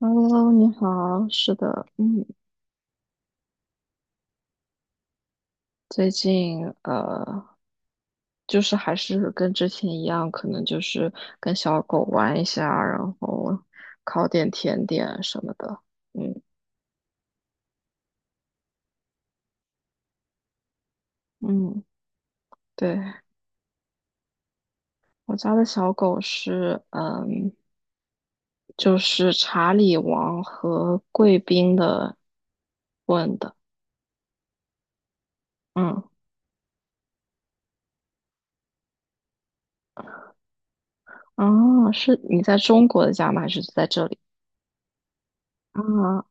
Hello，你好，是的，嗯，最近就是还是跟之前一样，可能就是跟小狗玩一下，然后烤点甜点什么的。嗯嗯，对，我家的小狗是就是查理王和贵宾的混的。嗯，啊，是你在中国的家吗？还是在这里？啊，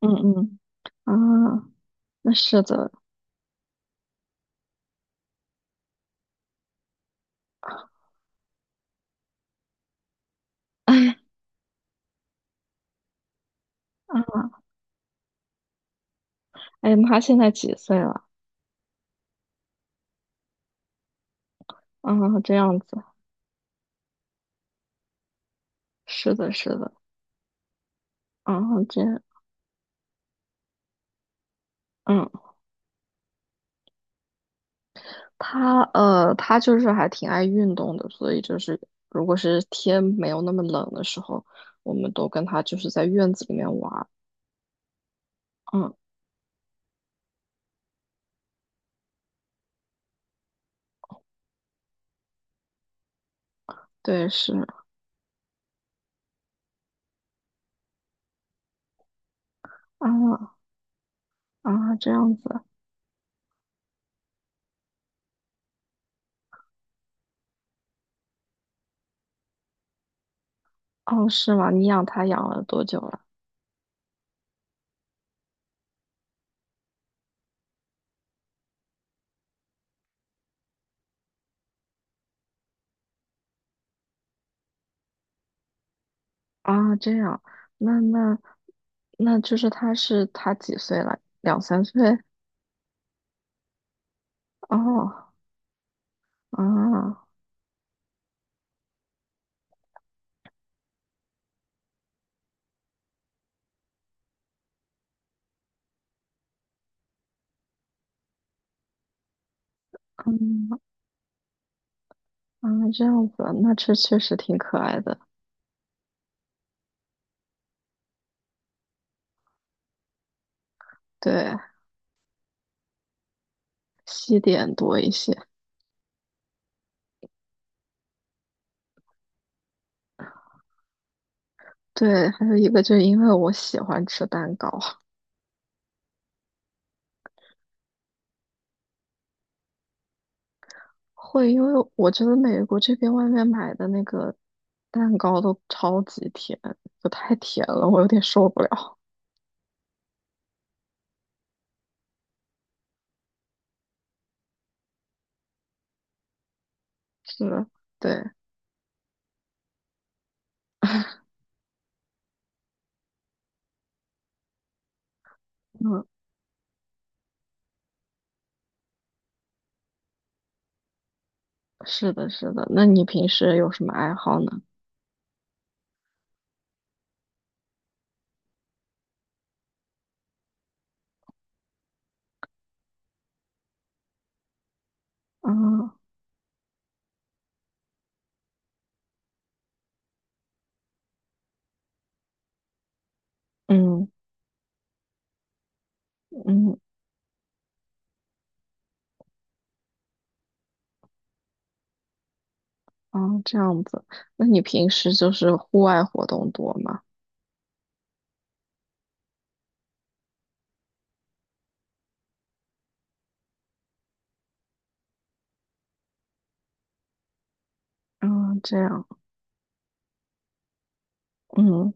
嗯嗯，啊，那是的。哎。哎，妈现在几岁了？啊，这样子。是的，是的。嗯，这，嗯，他就是还挺爱运动的，所以就是如果是天没有那么冷的时候，我们都跟他就是在院子里面玩儿。嗯，对，是啊。啊，这样子。哦，是吗？你养他养了多久了？啊，这样。那那就是他几岁了？两三岁？哦，啊，嗯。啊，这样子啊，那这确实挺可爱的。对，西点多一些。对，还有一个就是因为我喜欢吃蛋糕。会，因为我觉得美国这边外面买的那个蛋糕都超级甜，就太甜了，我有点受不了。是，对，嗯，是的，是的。那你平时有什么爱好呢？啊，嗯嗯。啊，这样子。那你平时就是户外活动多吗？嗯，这样。嗯。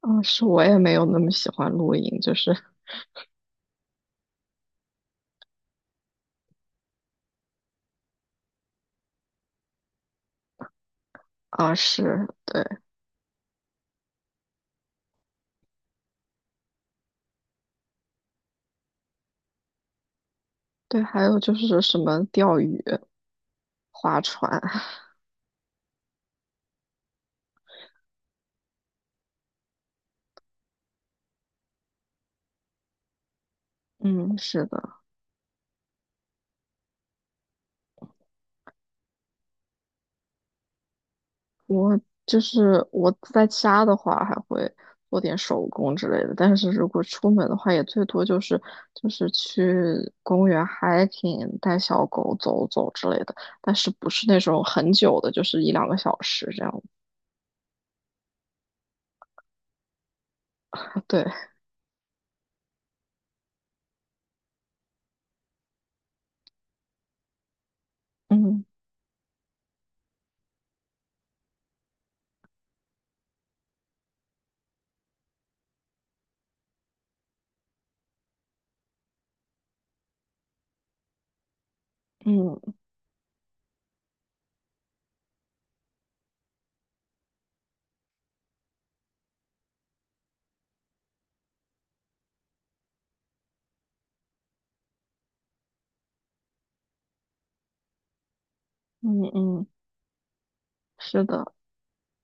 嗯，是，我也没有那么喜欢露营，就是啊，是对。对，还有就是什么钓鱼、划船。嗯，是的。就是我在家的话还会做点手工之类的，但是如果出门的话，也最多就是就是去公园 hiking,带小狗走走之类的，但是不是那种很久的，就是一两个小时这样。啊对，嗯嗯。嗯嗯，是的。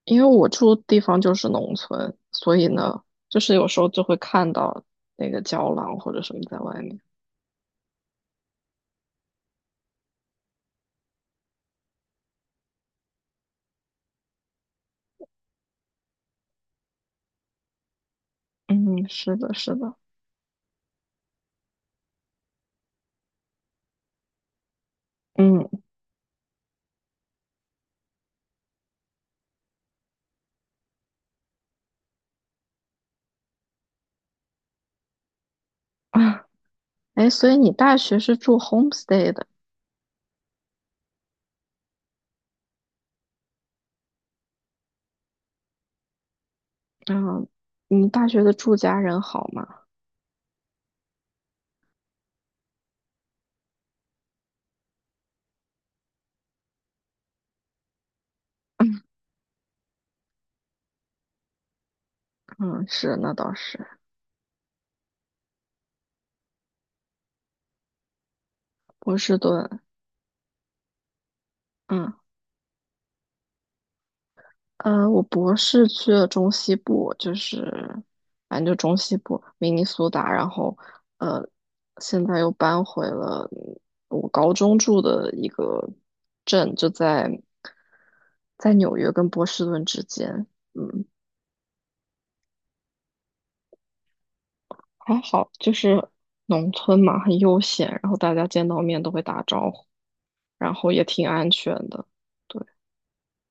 因为我住的地方就是农村，所以呢，就是有时候就会看到那个胶囊或者什么在外面。嗯，是的，是的。嗯。啊，哎，所以你大学是住 homestay 的。嗯，你大学的住家人好吗？嗯，是，那倒是。波士顿。嗯。呃，我博士去了中西部，就是反正就中西部，明尼苏达。然后呃，现在又搬回了我高中住的一个镇，就在在纽约跟波士顿之间。嗯，还好，就是农村嘛，很悠闲，然后大家见到面都会打招呼，然后也挺安全的。对，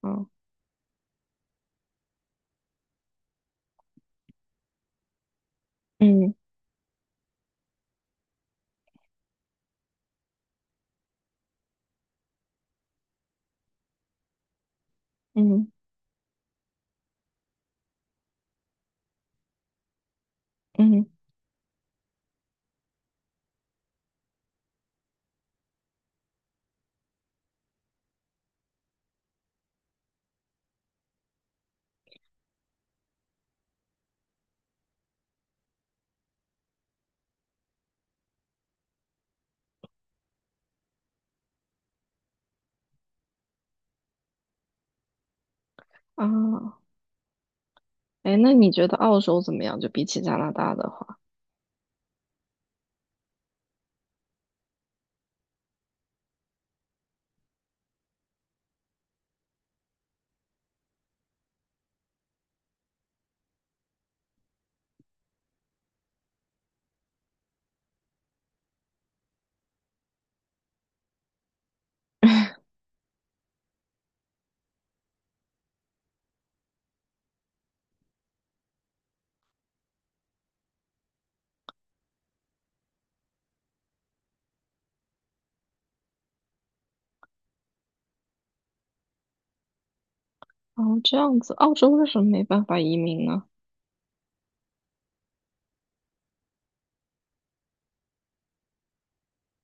嗯嗯。嗯嗯。啊。哎，那你觉得澳洲怎么样？就比起加拿大的话，哦，这样子，澳洲为什么没办法移民呢？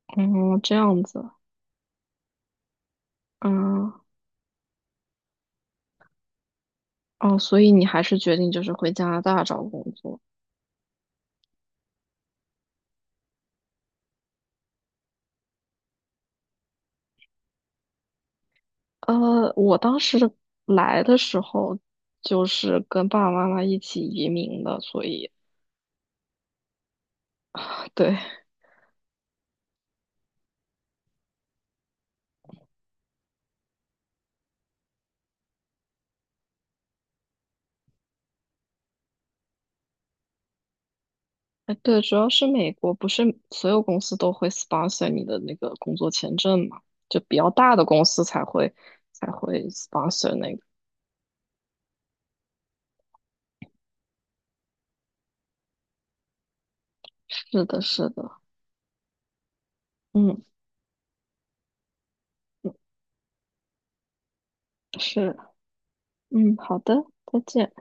哦，这样子。嗯。哦，所以你还是决定就是回加拿大找工作。我当时来的时候就是跟爸爸妈妈一起移民的，所以对。哎对，主要是美国不是所有公司都会 sponsor 你的那个工作签证嘛，就比较大的公司才会才会 sponsor 那个。是的，是的，嗯。是，嗯，好的，再见。